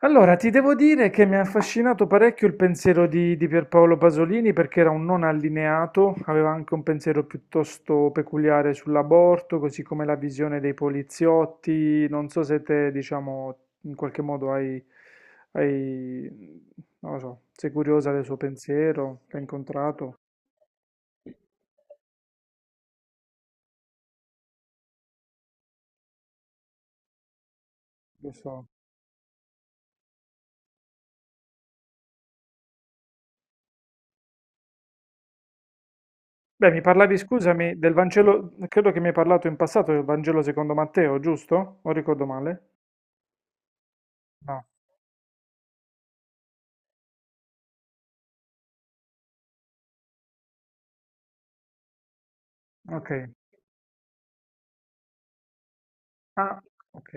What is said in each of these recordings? Allora, ti devo dire che mi ha affascinato parecchio il pensiero di Pierpaolo Pasolini perché era un non allineato, aveva anche un pensiero piuttosto peculiare sull'aborto, così come la visione dei poliziotti. Non so se te, diciamo, in qualche modo hai, hai- non lo so, sei curiosa del suo pensiero, l'hai incontrato, lo so. Beh, mi parlavi, scusami, del Vangelo, credo che mi hai parlato in passato del Vangelo secondo Matteo, giusto? O ricordo male? No, ok. Ah, ok.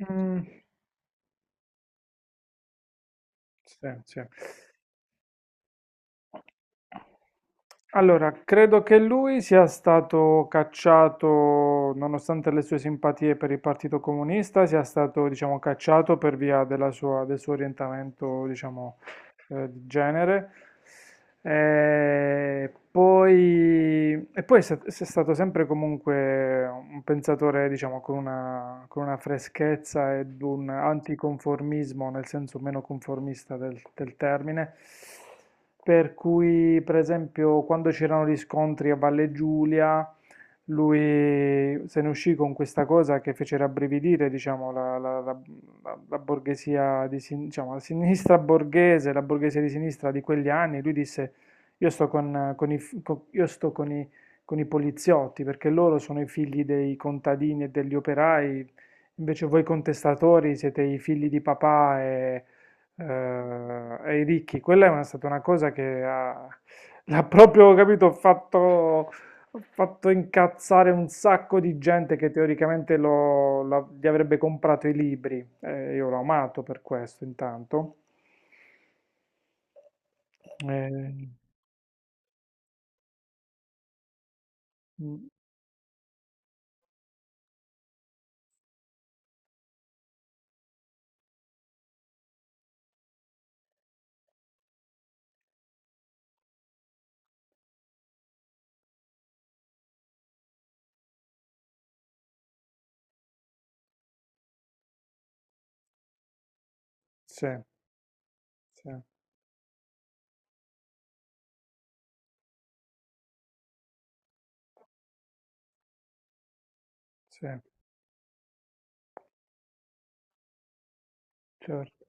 Mm, sì, sì. Allora, credo che lui sia stato cacciato, nonostante le sue simpatie per il Partito Comunista, sia stato, diciamo, cacciato per via del suo orientamento, diciamo, di genere. E poi, se è stato sempre comunque un pensatore, diciamo, con una, freschezza ed un anticonformismo, nel senso meno conformista del termine. Per cui, per esempio, quando c'erano gli scontri a Valle Giulia, lui se ne uscì con questa cosa che fece rabbrividire, diciamo, la, la- la- la- la borghesia di sin- diciamo, la sinistra borghese, la borghesia di sinistra di quegli anni. Lui disse: Io sto con i, f- co- io sto con i poliziotti perché loro sono i figli dei contadini e degli operai, invece voi contestatori siete i figli di papà e i ricchi. Quella è stata una cosa che l'ha proprio, capito, fatto ho fatto incazzare un sacco di gente che teoricamente gli avrebbe comprato i libri. Io l'ho amato per questo, intanto. Eh, mm, sì, sì, sì, certo.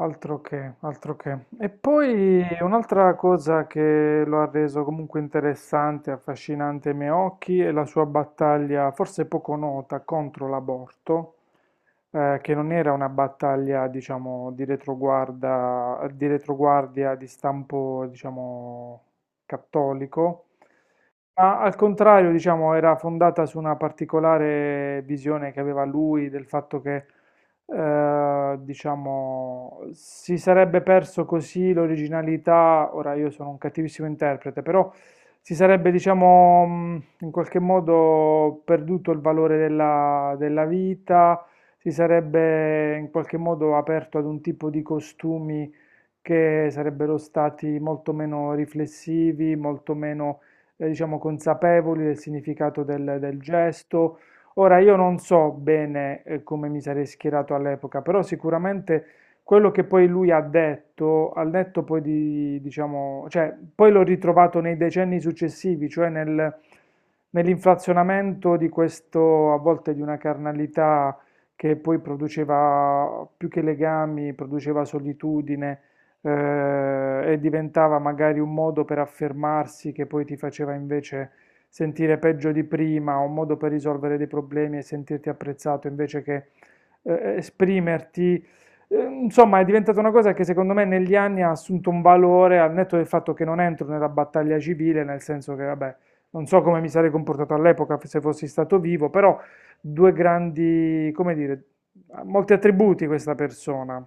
Altro che, altro che. E poi un'altra cosa che lo ha reso comunque interessante, affascinante ai miei occhi è la sua battaglia, forse poco nota, contro l'aborto, che non era una battaglia, diciamo, di retroguardia di stampo, diciamo, cattolico, ma al contrario, diciamo, era fondata su una particolare visione che aveva lui del fatto che, diciamo, si sarebbe perso così l'originalità. Ora io sono un cattivissimo interprete, però si sarebbe, diciamo, in qualche modo perduto il valore della vita, si sarebbe in qualche modo aperto ad un tipo di costumi che sarebbero stati molto meno riflessivi, molto meno, diciamo, consapevoli del significato del gesto. Ora, io non so bene, come mi sarei schierato all'epoca, però sicuramente quello che poi lui ha detto, al netto poi di, diciamo, cioè, poi l'ho ritrovato nei decenni successivi, cioè nell'inflazionamento di questo, a volte di una carnalità che poi produceva più che legami, produceva solitudine e diventava magari un modo per affermarsi che poi ti faceva invece sentire peggio di prima, o un modo per risolvere dei problemi e sentirti apprezzato invece che esprimerti. Insomma, è diventata una cosa che secondo me negli anni ha assunto un valore al netto del fatto che non entro nella battaglia civile, nel senso che, vabbè, non so come mi sarei comportato all'epoca se fossi stato vivo, però due grandi, come dire, ha molti attributi questa persona.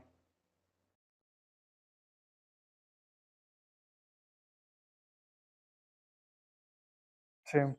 Sì,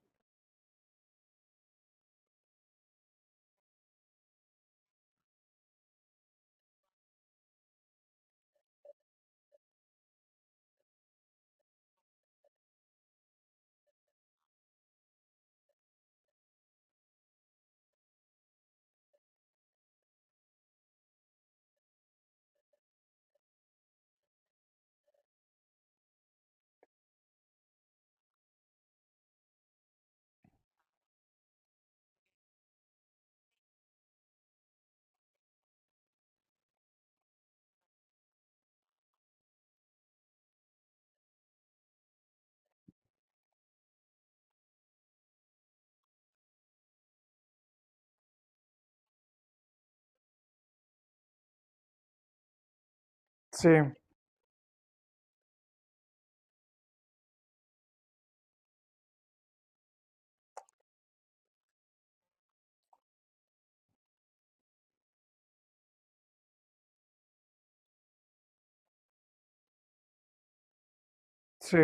sì, sì.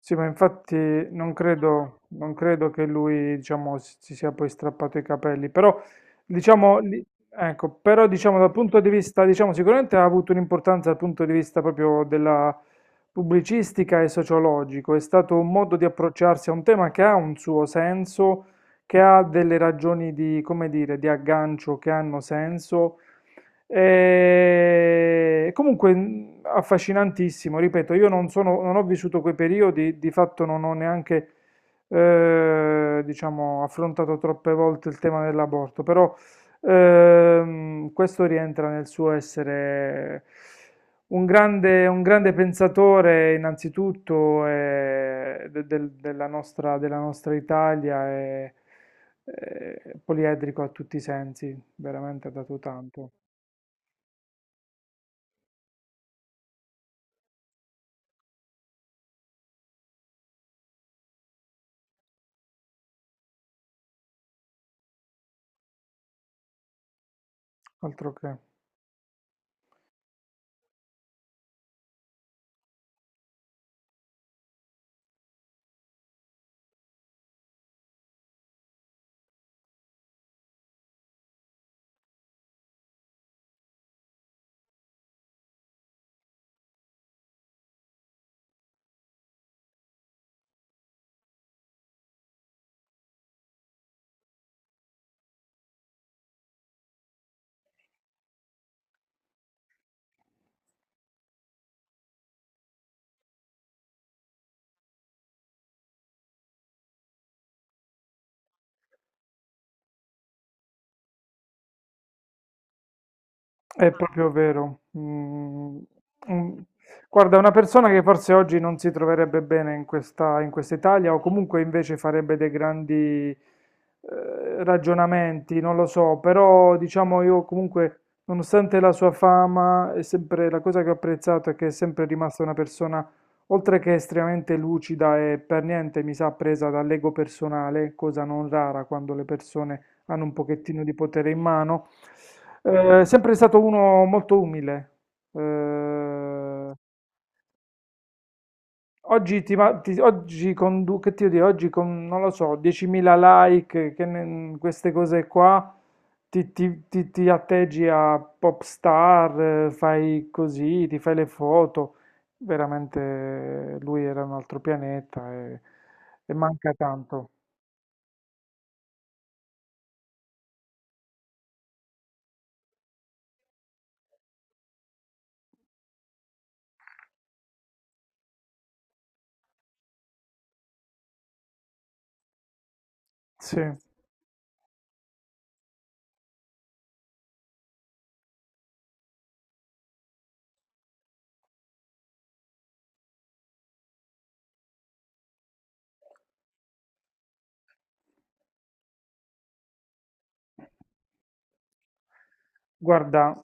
Sì, ma infatti non credo che lui, diciamo, si sia poi strappato i capelli, però, diciamo, ecco, però, diciamo, dal punto di vista, diciamo, sicuramente ha avuto un'importanza dal punto di vista proprio della pubblicistica e sociologico, è stato un modo di approcciarsi a un tema che ha un suo senso, che ha delle ragioni di, come dire, di aggancio che hanno senso e comunque affascinantissimo, ripeto, io non sono, non ho vissuto quei periodi, di fatto non ho neanche, diciamo, affrontato troppe volte il tema dell'aborto, però questo rientra nel suo essere un grande pensatore innanzitutto della nostra Italia e poliedrico a tutti i sensi, veramente ha dato tanto. Altro che. È proprio vero. Mm, mm. Guarda, una persona che forse oggi non si troverebbe bene in questa Italia o comunque invece farebbe dei grandi eh, ragionamenti, non lo so, però diciamo io comunque, nonostante la sua fama, è sempre, la cosa che ho apprezzato è che è sempre rimasta una persona, oltre che estremamente lucida e per niente mi sa presa dall'ego personale, cosa non rara quando le persone hanno un pochettino di potere in mano. Sempre stato uno molto umile. Eh, oggi, ti, ma- ti- oggi con, Che ti devo dire, oggi con, non lo so, 10.000 like, queste cose qua, ti atteggi a pop star, fai così, ti fai le foto. Veramente lui era un altro pianeta e manca tanto. Sì. Guarda,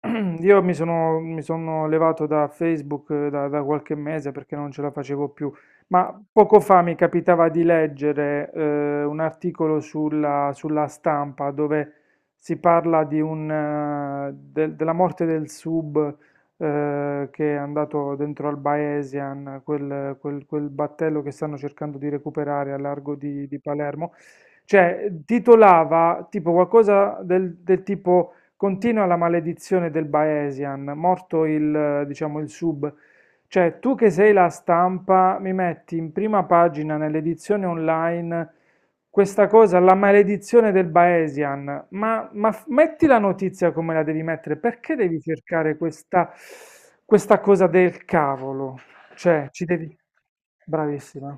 io mi sono levato da Facebook da qualche mese perché non ce la facevo più, ma poco fa mi capitava di leggere un articolo sulla stampa dove si parla della morte del sub che è andato dentro al Baesian, quel battello che stanno cercando di recuperare a largo di Palermo. Cioè, titolava tipo qualcosa del tipo Continua la maledizione del Baesian, morto il sub. Cioè, tu che sei la stampa, mi metti in prima pagina nell'edizione online questa cosa, la maledizione del Baesian. Ma, metti la notizia come la devi mettere, perché devi cercare questa cosa del cavolo? Cioè, ci devi. Bravissima,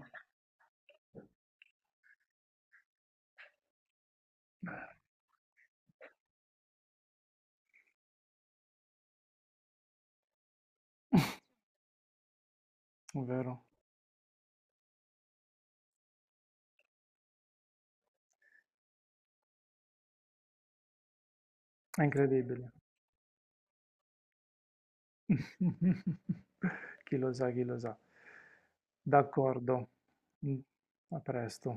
è vero. È incredibile. Chi lo sa, chi lo sa. D'accordo. Mm, A presto.